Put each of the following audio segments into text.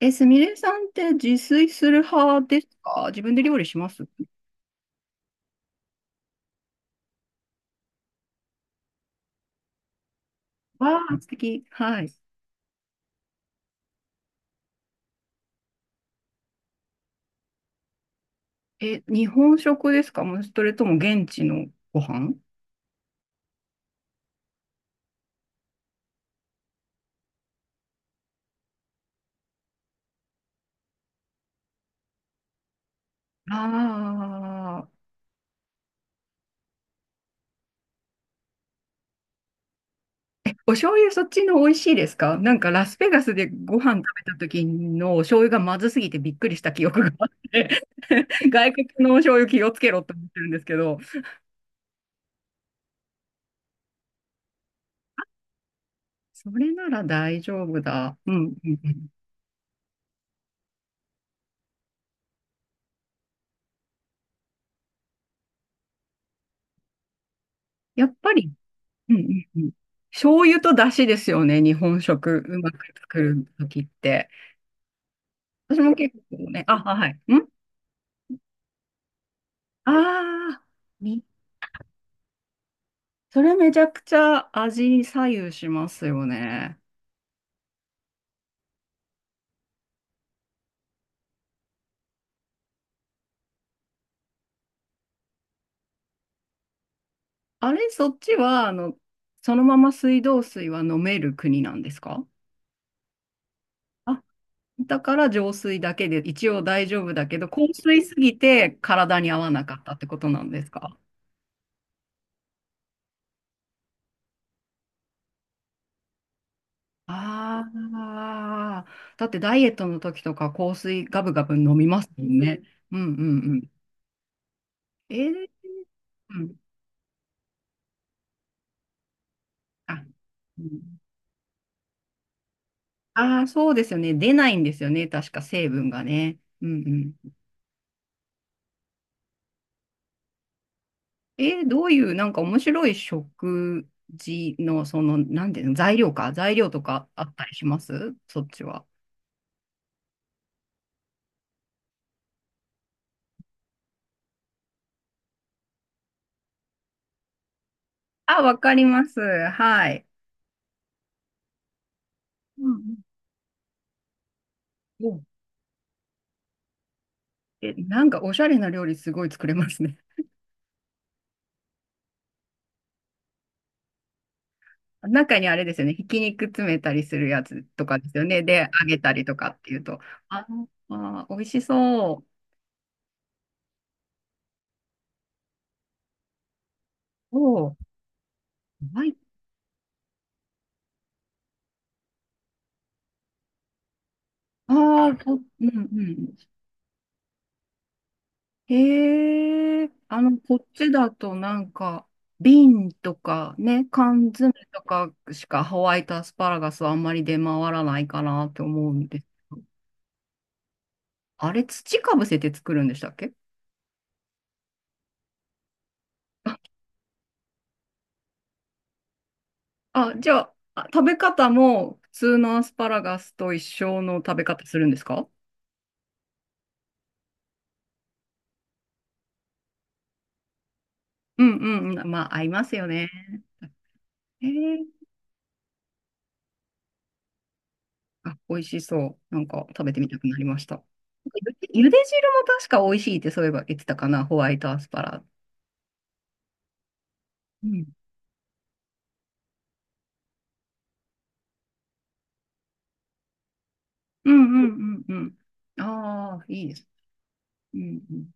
え、すみれさんって自炊する派ですか？自分で料理します？わあ、素敵。はい。え、日本食ですか？もうそれとも現地のご飯？ああー。お醤油そっちの美味しいですか？なんかラスベガスでご飯食べた時のお醤油がまずすぎてびっくりした記憶があって 外国のお醤油気をつけろって思ってるんですけど、それなら大丈夫だ。うんうんうん。やっぱり。うんうんうん。醤油と出汁ですよね、日本食うまく作るときって。私も結構ね、あ、あはい。ああー、み、それめちゃくちゃ味に左右しますよね。あれ、そっちは、そのまま水道水は飲める国なんですか？あ、だから浄水だけで一応大丈夫だけど、硬水すぎて体に合わなかったってことなんですか？ああ、だってダイエットの時とか香水ガブガブ飲みますもんね。うんうんうん。えー、うん。あ、うん、あー、そうですよね。出ないんですよね。確か成分がね。うんうん。どういうなんか面白い食事のその、なんていうの、材料か。材料とかあったりしますそっちは？あ、わかります。はい。うんうん。え、なんかおしゃれな料理すごい作れますね。中にあれですよね、ひき肉詰めたりするやつとかですよね。で、揚げたりとかっていうと。ああ、美味しそう。おー。はい。ああ、うんうん。へえ、こっちだとなんか、瓶とかね、缶詰とかしかホワイトアスパラガスはあんまり出回らないかなって思うんですけど。あれ、土かぶせて作るんでしたっけ？あ、じゃあ、食べ方も普通のアスパラガスと一緒の食べ方するんですか？うんうんうん。まあ、合いますよね。えー、あ、美味しそう。なんか食べてみたくなりました。ゆで汁も確か美味しいってそういえば言ってたかな、ホワイトアスパラ。うん。うんうんうんうん。ああ、いいです。うんうん。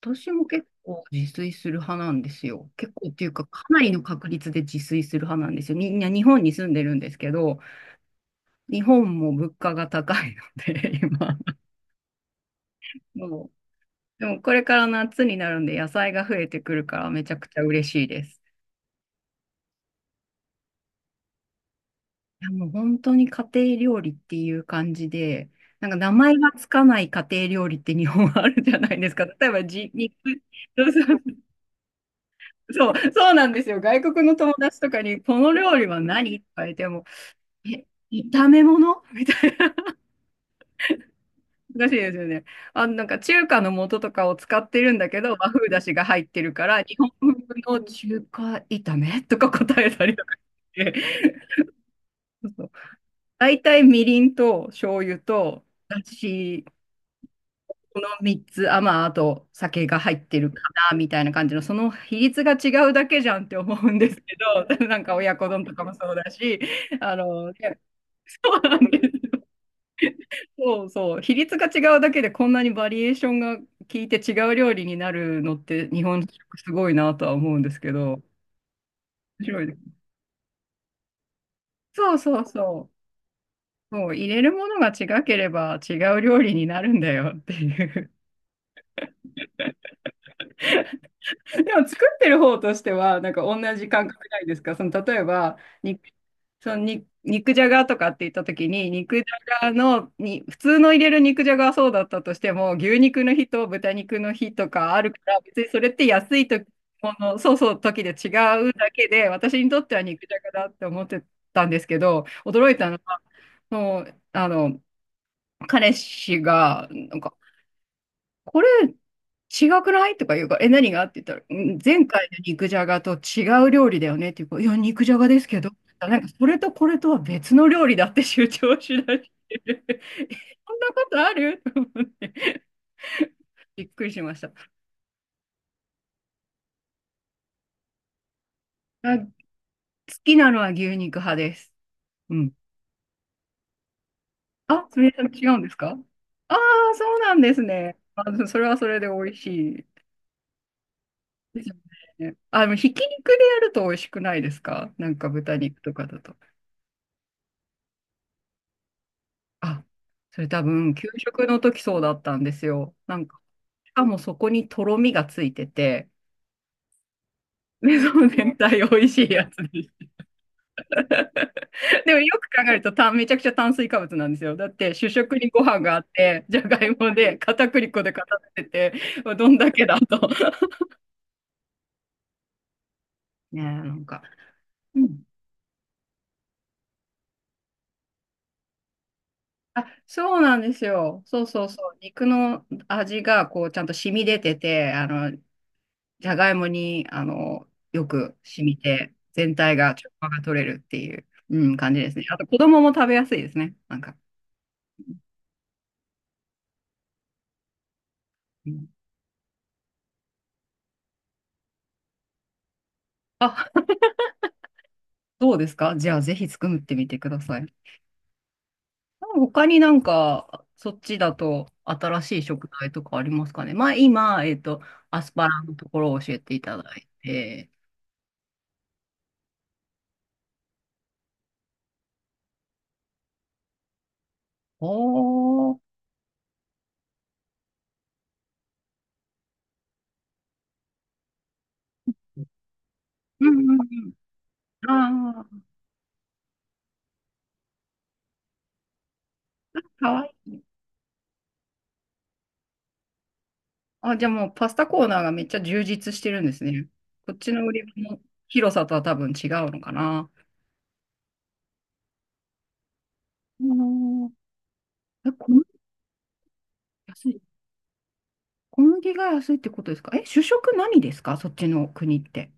私も結構自炊する派なんですよ。結構っていうか、かなりの確率で自炊する派なんですよ。みんな日本に住んでるんですけど、日本も物価が高いので、今。もでもこれから夏になるんで野菜が増えてくるからめちゃくちゃ嬉しいです。いやもう本当に家庭料理っていう感じで、なんか名前がつかない家庭料理って日本はあるじゃないですか。例えば肉、そうそう、そうそうなんですよ。外国の友達とかに、この料理は何って言われても、え、炒め物みたいな。難しいですよね。あ、なんか中華の素とかを使ってるんだけど、和風だしが入ってるから、日本風の中華炒めとか答えたりとかして。大体みりんと醤油とだし、この3つ、あ、まあ、あと酒が入ってるかな、みたいな感じの、その比率が違うだけじゃんって思うんですけど、なんか親子丼とかもそうだし、あの、ね。そうなんです。そうそう、比率が違うだけでこんなにバリエーションが効いて違う料理になるのって日本食すごいなとは思うんですけど、面白いです。そうそうそう。そう入れるものが違ければ違う料理になるんだよっていう。でも作ってる方としては、なんか同じ感覚ないですか？その例えば、肉、そのに肉じゃがとかって言った時に、肉じゃがのに、普通の入れる肉じゃがはそうだったとしても、牛肉の日と豚肉の日とかあるから、別にそれって安い時もの、そうそう時で違うだけで、私にとっては肉じゃがだって思ってたんですけど、驚いたのは、もう、彼氏が、なんかこれ違くないとか言うから、え、何がって言ったら、うん前回の肉じゃがと違う料理だよねって言うから、いや、肉じゃがですけど、なんかそれとこれとは別の料理だって主張しだしてる。え、そんなことあると思ってびっくりしました。あ、好きなのは牛肉派です。うん。あ、それ違うんですか？ああー、そうなんですね。それはそれで美味しいですよね。でもひき肉でやると美味しくないですか？なんか豚肉とかだと。あ、それ多分、給食の時そうだったんですよ。なんか、しかもそこにとろみがついてて、で、その全体美味しいやつです。でもよく考えるとめちゃくちゃ炭水化物なんですよ。だって、主食にご飯があって、じゃがいもで、片栗粉で固めてて、どんだけだと。ねえ、なんか。うん、あ、そうなんですよ。そうそうそう。肉の味が、こう、ちゃんと染み出てて、じゃがいもに、よく染みて、全体が調和が取れるっていう、うん、感じですね。あと、子供も食べやすいですね。なんか。うん、あ、そうですか。じゃあ、ぜひ作ってみてください。他になんか、そっちだと新しい食材とかありますかね。まあ、今、アスパラのところを教えていただいて。おー。うんうんうん。ああ、かわいい。あ、じゃあもうパスタコーナーがめっちゃ充実してるんですね。こっちの売り場の広さとは多分違うのかな。あのえ、小麦安い。小麦が安いってことですか？え、主食何ですかそっちの国って？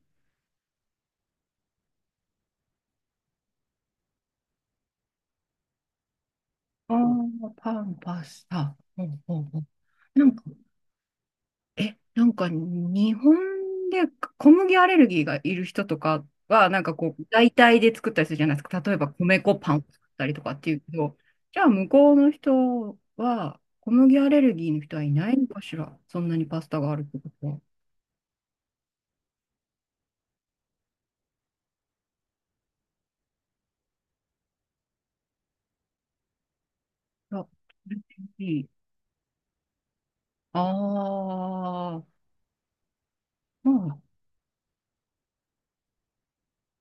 ああ、パン、パスタ。うんうんうん。なんか、え、なんか日本で小麦アレルギーがいる人とかは、なんかこう、代替で作ったりするじゃないですか。例えば米粉パンを作ったりとかっていうけど、じゃあ向こうの人は、小麦アレルギーの人はいないのかしら。そんなにパスタがあるってことは。あ、それっていい、あー、まあ、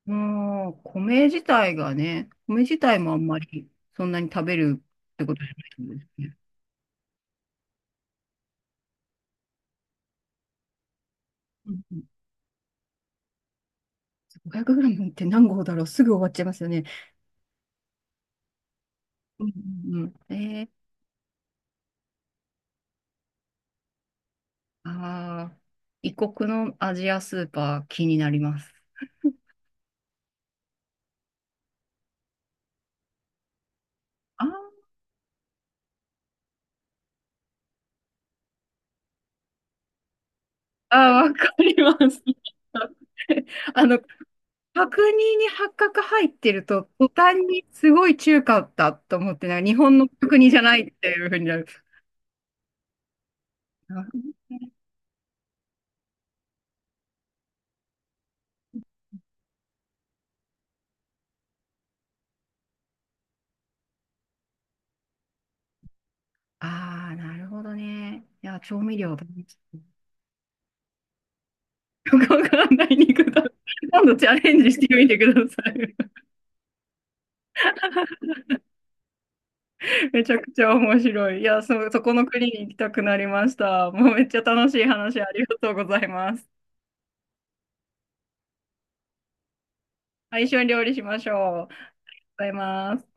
うん、米自体がね、米自体もあんまりそんなに食べるってことじゃないんですね。うんうん 500g って何合だろう？すぐ終わっちゃいますよね。うんうんうん。ああ、異国のアジアスーパー気になります。あーあー、わかります。あの、角煮に八角入ってると、途端にすごい中華だと思って、なんか日本の角煮じゃないっていうふうになる。ああ、なるほどね。いや、調味料だね。よくわかんない肉だ。今度チャレンジしてみてください。めちゃくちゃ面白い。いや、そこの国に行きたくなりました。もうめっちゃ楽しい話ありがとうございます。あ、一緒に料理しましょう。ありがとうございます。